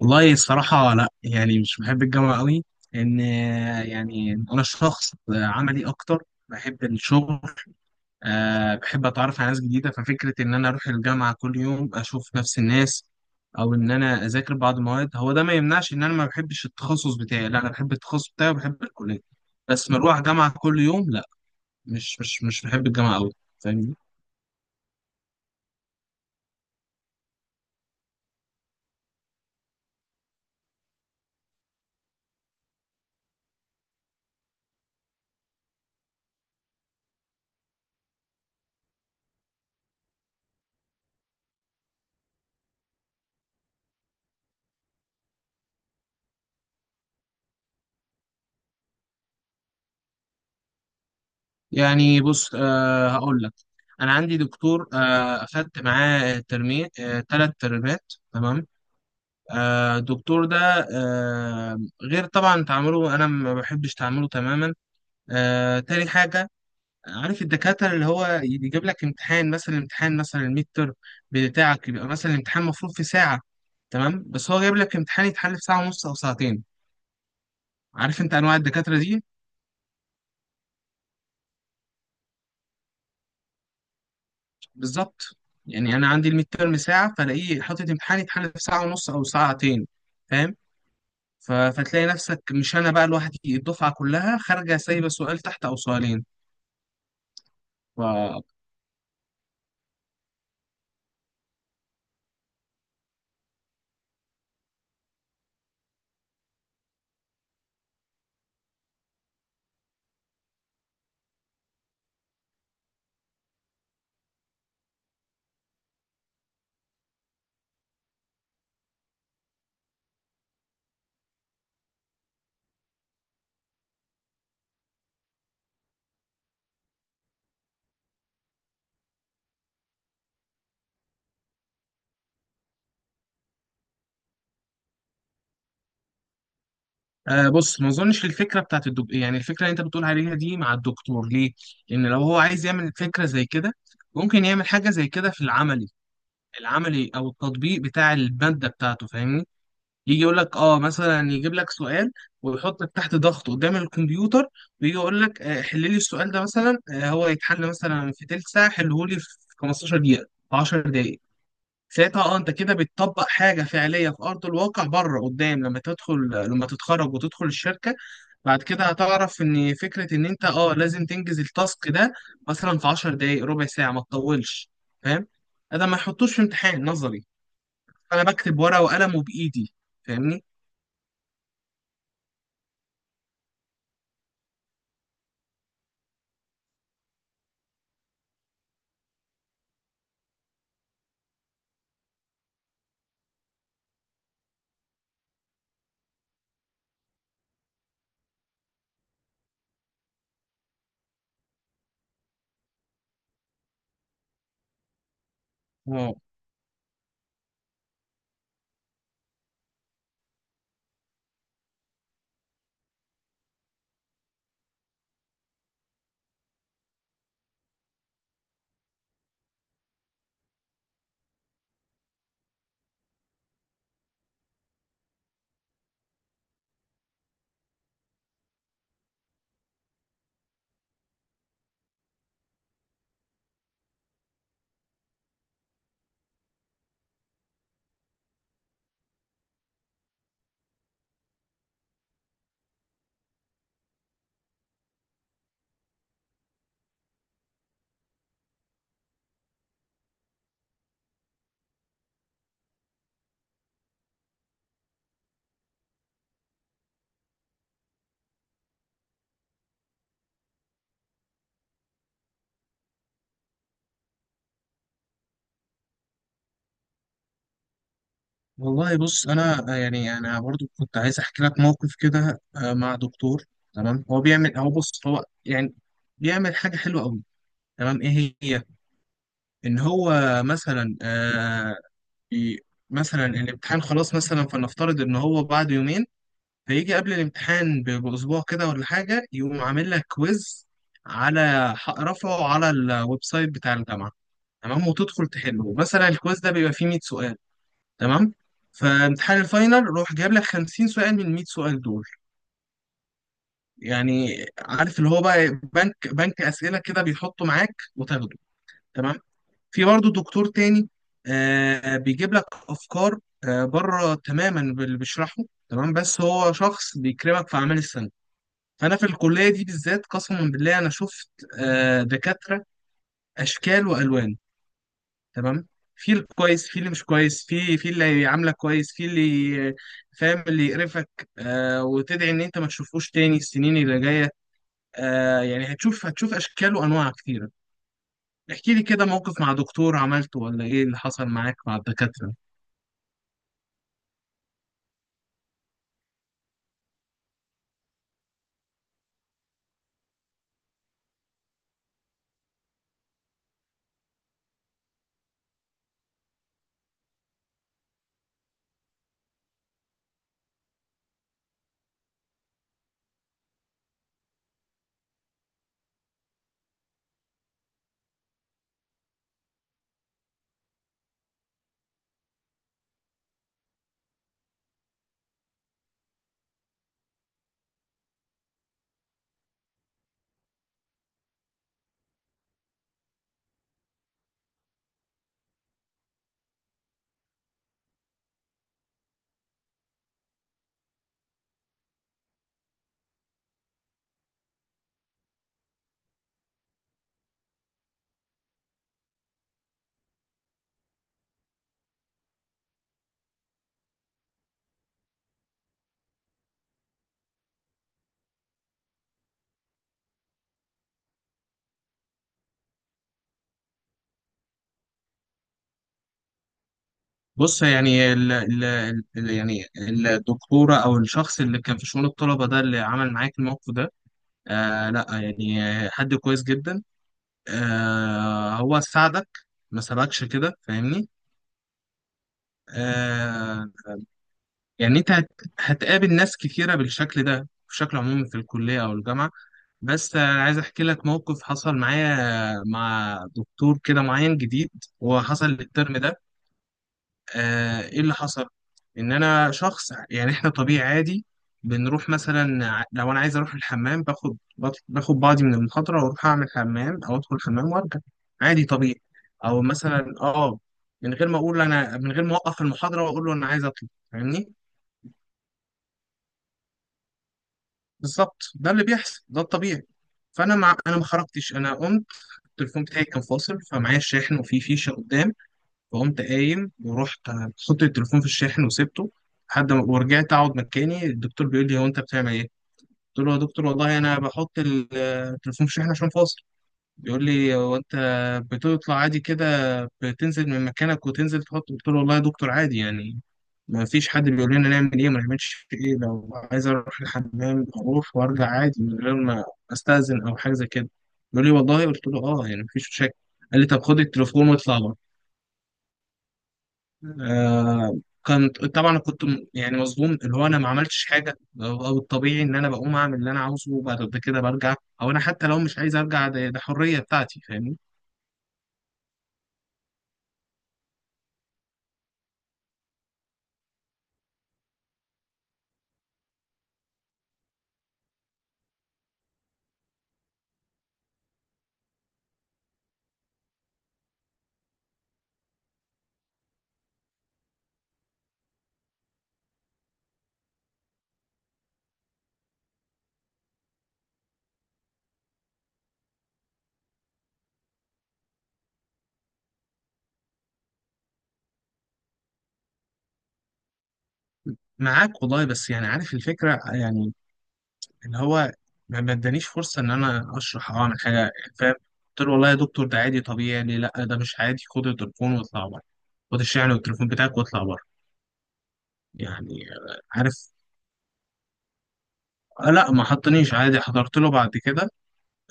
والله الصراحة لا، مش بحب الجامعة قوي لأن يعني أنا شخص عملي أكتر. بحب الشغل. أه، بحب أتعرف على ناس جديدة. ففكرة إن أنا أروح الجامعة كل يوم أشوف نفس الناس أو إن أنا أذاكر بعض المواد، هو ده ما يمنعش إن أنا ما بحبش التخصص بتاعي. لا، أنا بحب التخصص بتاعي وبحب الكلية، بس مروح جامعة كل يوم لا. مش بحب الجامعة قوي. يعني بص، هقول لك. انا عندي دكتور، اخدت معاه ترمي، ثلاث ترمات، تمام. الدكتور ده، غير طبعا تعامله، انا ما بحبش تعامله تماما. تاني حاجه، عارف الدكاتره اللي هو يجيب لك امتحان مثلا، امتحان مثلا الميد ترم بتاعك، يبقى مثلا الامتحان المفروض في ساعه، تمام، بس هو جايب لك امتحان يتحل في ساعه ونص او ساعتين. عارف انت انواع الدكاتره دي؟ بالظبط، يعني انا عندي الميد تيرم ساعه، فلاقيه حاطط امتحان يتحل في ساعه ونص او ساعتين، فاهم؟ ف- فتلاقي نفسك مش انا بقى لوحدي، الدفعه كلها خارجه سايبه سؤال تحت او سؤالين. ف آه بص، ما اظنش الفكره بتاعت الدكتور، يعني الفكره اللي انت بتقول عليها دي مع الدكتور، ليه؟ لان لو هو عايز يعمل فكره زي كده، ممكن يعمل حاجه زي كده في العملي، العملي او التطبيق بتاع الماده بتاعته، فاهمني؟ يجي يقول لك اه مثلا، يجيب لك سؤال ويحطك تحت ضغط قدام الكمبيوتر، ويجي يقول لك آه، حل لي السؤال ده مثلا، آه، هو يتحل مثلا في تلت ساعه، حله لي في 15 دقيقه، في 10 دقائق. ساعتها اه انت كده بتطبق حاجه فعليه في ارض الواقع بره قدام. لما تدخل، لما تتخرج وتدخل الشركه بعد كده، هتعرف ان فكره ان انت اه لازم تنجز التاسك ده مثلا في 10 دقائق، ربع ساعه، ما تطولش، فاهم؟ ده ما يحطوش في امتحان نظري انا بكتب ورقه وقلم وبايدي، فاهمني؟ والله بص، انا آه، يعني انا برضو كنت عايز احكي لك موقف كده، آه، مع دكتور. تمام، هو بيعمل، هو بص، هو يعني بيعمل حاجه حلوه قوي. تمام، ايه هي؟ ان هو مثلا آه، بي، مثلا الامتحان خلاص مثلا، فلنفترض ان هو بعد يومين، فيجي قبل الامتحان ب- باسبوع كده ولا حاجه، يقوم عامل لك كويز على رفعه على الويب سايت بتاع الجامعه. تمام، وتدخل تحله مثلا، الكويز ده بيبقى فيه 100 سؤال. تمام، فامتحان الفاينل روح جايب لك 50 سؤال من 100 سؤال دول، يعني. عارف اللي هو بقى بنك اسئله كده بيحطه معاك وتاخده، تمام. في برضه دكتور تاني، آه بيجيب لك افكار آه بره تماما باللي بيشرحه، تمام، بس هو شخص بيكرمك في اعمال السنه. فانا في الكليه دي بالذات، قسما بالله انا شفت آه دكاتره اشكال والوان، تمام. في الكويس، في اللي مش كويس، في في اللي عاملك كويس، في اللي فاهم اللي يقرفك، آه، وتدعي ان انت ما تشوفوش تاني السنين اللي جايه. آه، يعني هتشوف، هتشوف اشكال وانواع كتيره. احكي لي كده موقف مع دكتور عملته، ولا ايه اللي حصل معاك مع الدكاتره؟ بص، يعني ال ال ال يعني الدكتوره او الشخص اللي كان في شؤون الطلبه ده، اللي عمل معاك الموقف ده، آه، لا يعني حد كويس جدا، آه، هو ساعدك، ما سابكش كده، فاهمني؟ آه، يعني هتقابل ناس كتيرة بالشكل ده بشكل عمومي في الكلية او الجامعة. بس آه، عايز احكي لك موقف حصل معايا مع دكتور كده معين جديد، وحصل الترم ده. آه، ايه اللي حصل؟ ان انا شخص، يعني احنا طبيعي عادي، بنروح مثلا لو انا عايز اروح الحمام باخد باخد بعضي من المحاضره واروح اعمل حمام او ادخل الحمام وارجع، عادي طبيعي. او مثلا اه من غير ما اقول، انا من غير ما اوقف المحاضره واقول له انا عايز اطلع، فاهمني؟ بالظبط ده اللي بيحصل، ده الطبيعي. انا ما خرجتش، انا قمت، التليفون بتاعي كان فاصل فمعايا الشاحن وفي فيشه قدام، فقمت قايم ورحت حطيت التليفون في الشاحن وسبته لحد ما، ورجعت اقعد مكاني. الدكتور بيقول لي هو انت بتعمل ايه؟ قلت له يا دكتور والله انا بحط التليفون في الشاحن عشان فاصل. بيقول لي هو انت بتطلع عادي كده؟ بتنزل من مكانك وتنزل تحط؟ قلت له والله يا دكتور عادي يعني، ما فيش حد بيقول لنا نعمل ايه ما نعملش ايه، لو عايز اروح الحمام اروح وارجع عادي من غير ما استاذن او حاجه زي كده. بيقول لي والله؟ قلت له اه، يعني مفيش مشاكل. قال لي طب خد التليفون واطلع بره. آه، كنت طبعا كنت يعني مصدوم، اللي هو انا ما عملتش حاجه، او أو الطبيعي ان انا بقوم اعمل اللي انا عاوزه وبعد كده برجع، او انا حتى لو مش عايز ارجع، ده حريه بتاعتي، فاهمني؟ معاك والله، بس يعني عارف الفكره، يعني اللي هو ما ادانيش فرصه ان انا اشرح او اعمل حاجه، فاهم؟ قلت له والله يا دكتور ده عادي طبيعي، ليه؟ لا ده مش عادي، خد التليفون واطلع بره، خد الشحن والتليفون بتاعك واطلع بره. يعني آه، عارف. آه، لا ما حطنيش، عادي حضرت له بعد كده.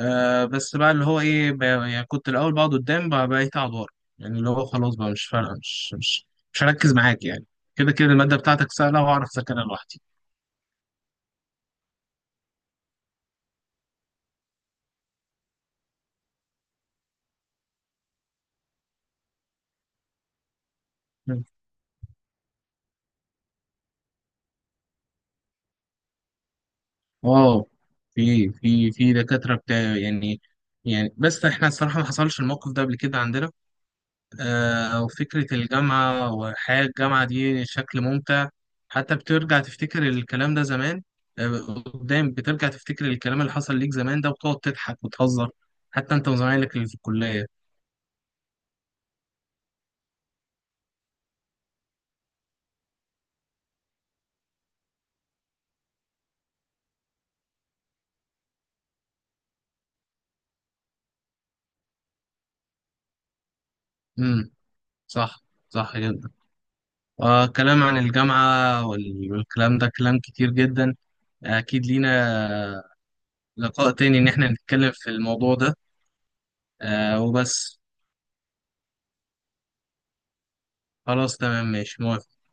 آه، بس بقى اللي هو ايه، يعني كنت الاول بقعد قدام، بقى بقيت اقعد ورا. يعني اللي هو خلاص بقى مش فارقه، مش هركز معاك يعني، كده كده الماده بتاعتك سهله وهعرف اذاكرها لوحدي. مم. اه، في دكاتره بتاع يعني، يعني بس احنا الصراحه ما حصلش الموقف ده قبل كده عندنا. آه، وفكرة الجامعة وحياة الجامعة دي شكل ممتع، حتى بترجع تفتكر الكلام ده زمان، آه، قدام بترجع تفتكر الكلام اللي حصل ليك زمان ده وتقعد تضحك وتهزر حتى انت وزمايلك اللي في الكلية. امم، صح، صح جدا. آه، كلام عن الجامعة والكلام ده كلام كتير جدا، أكيد لينا لقاء تاني إن احنا نتكلم في الموضوع ده. آه، وبس، خلاص تمام، ماشي، موافق.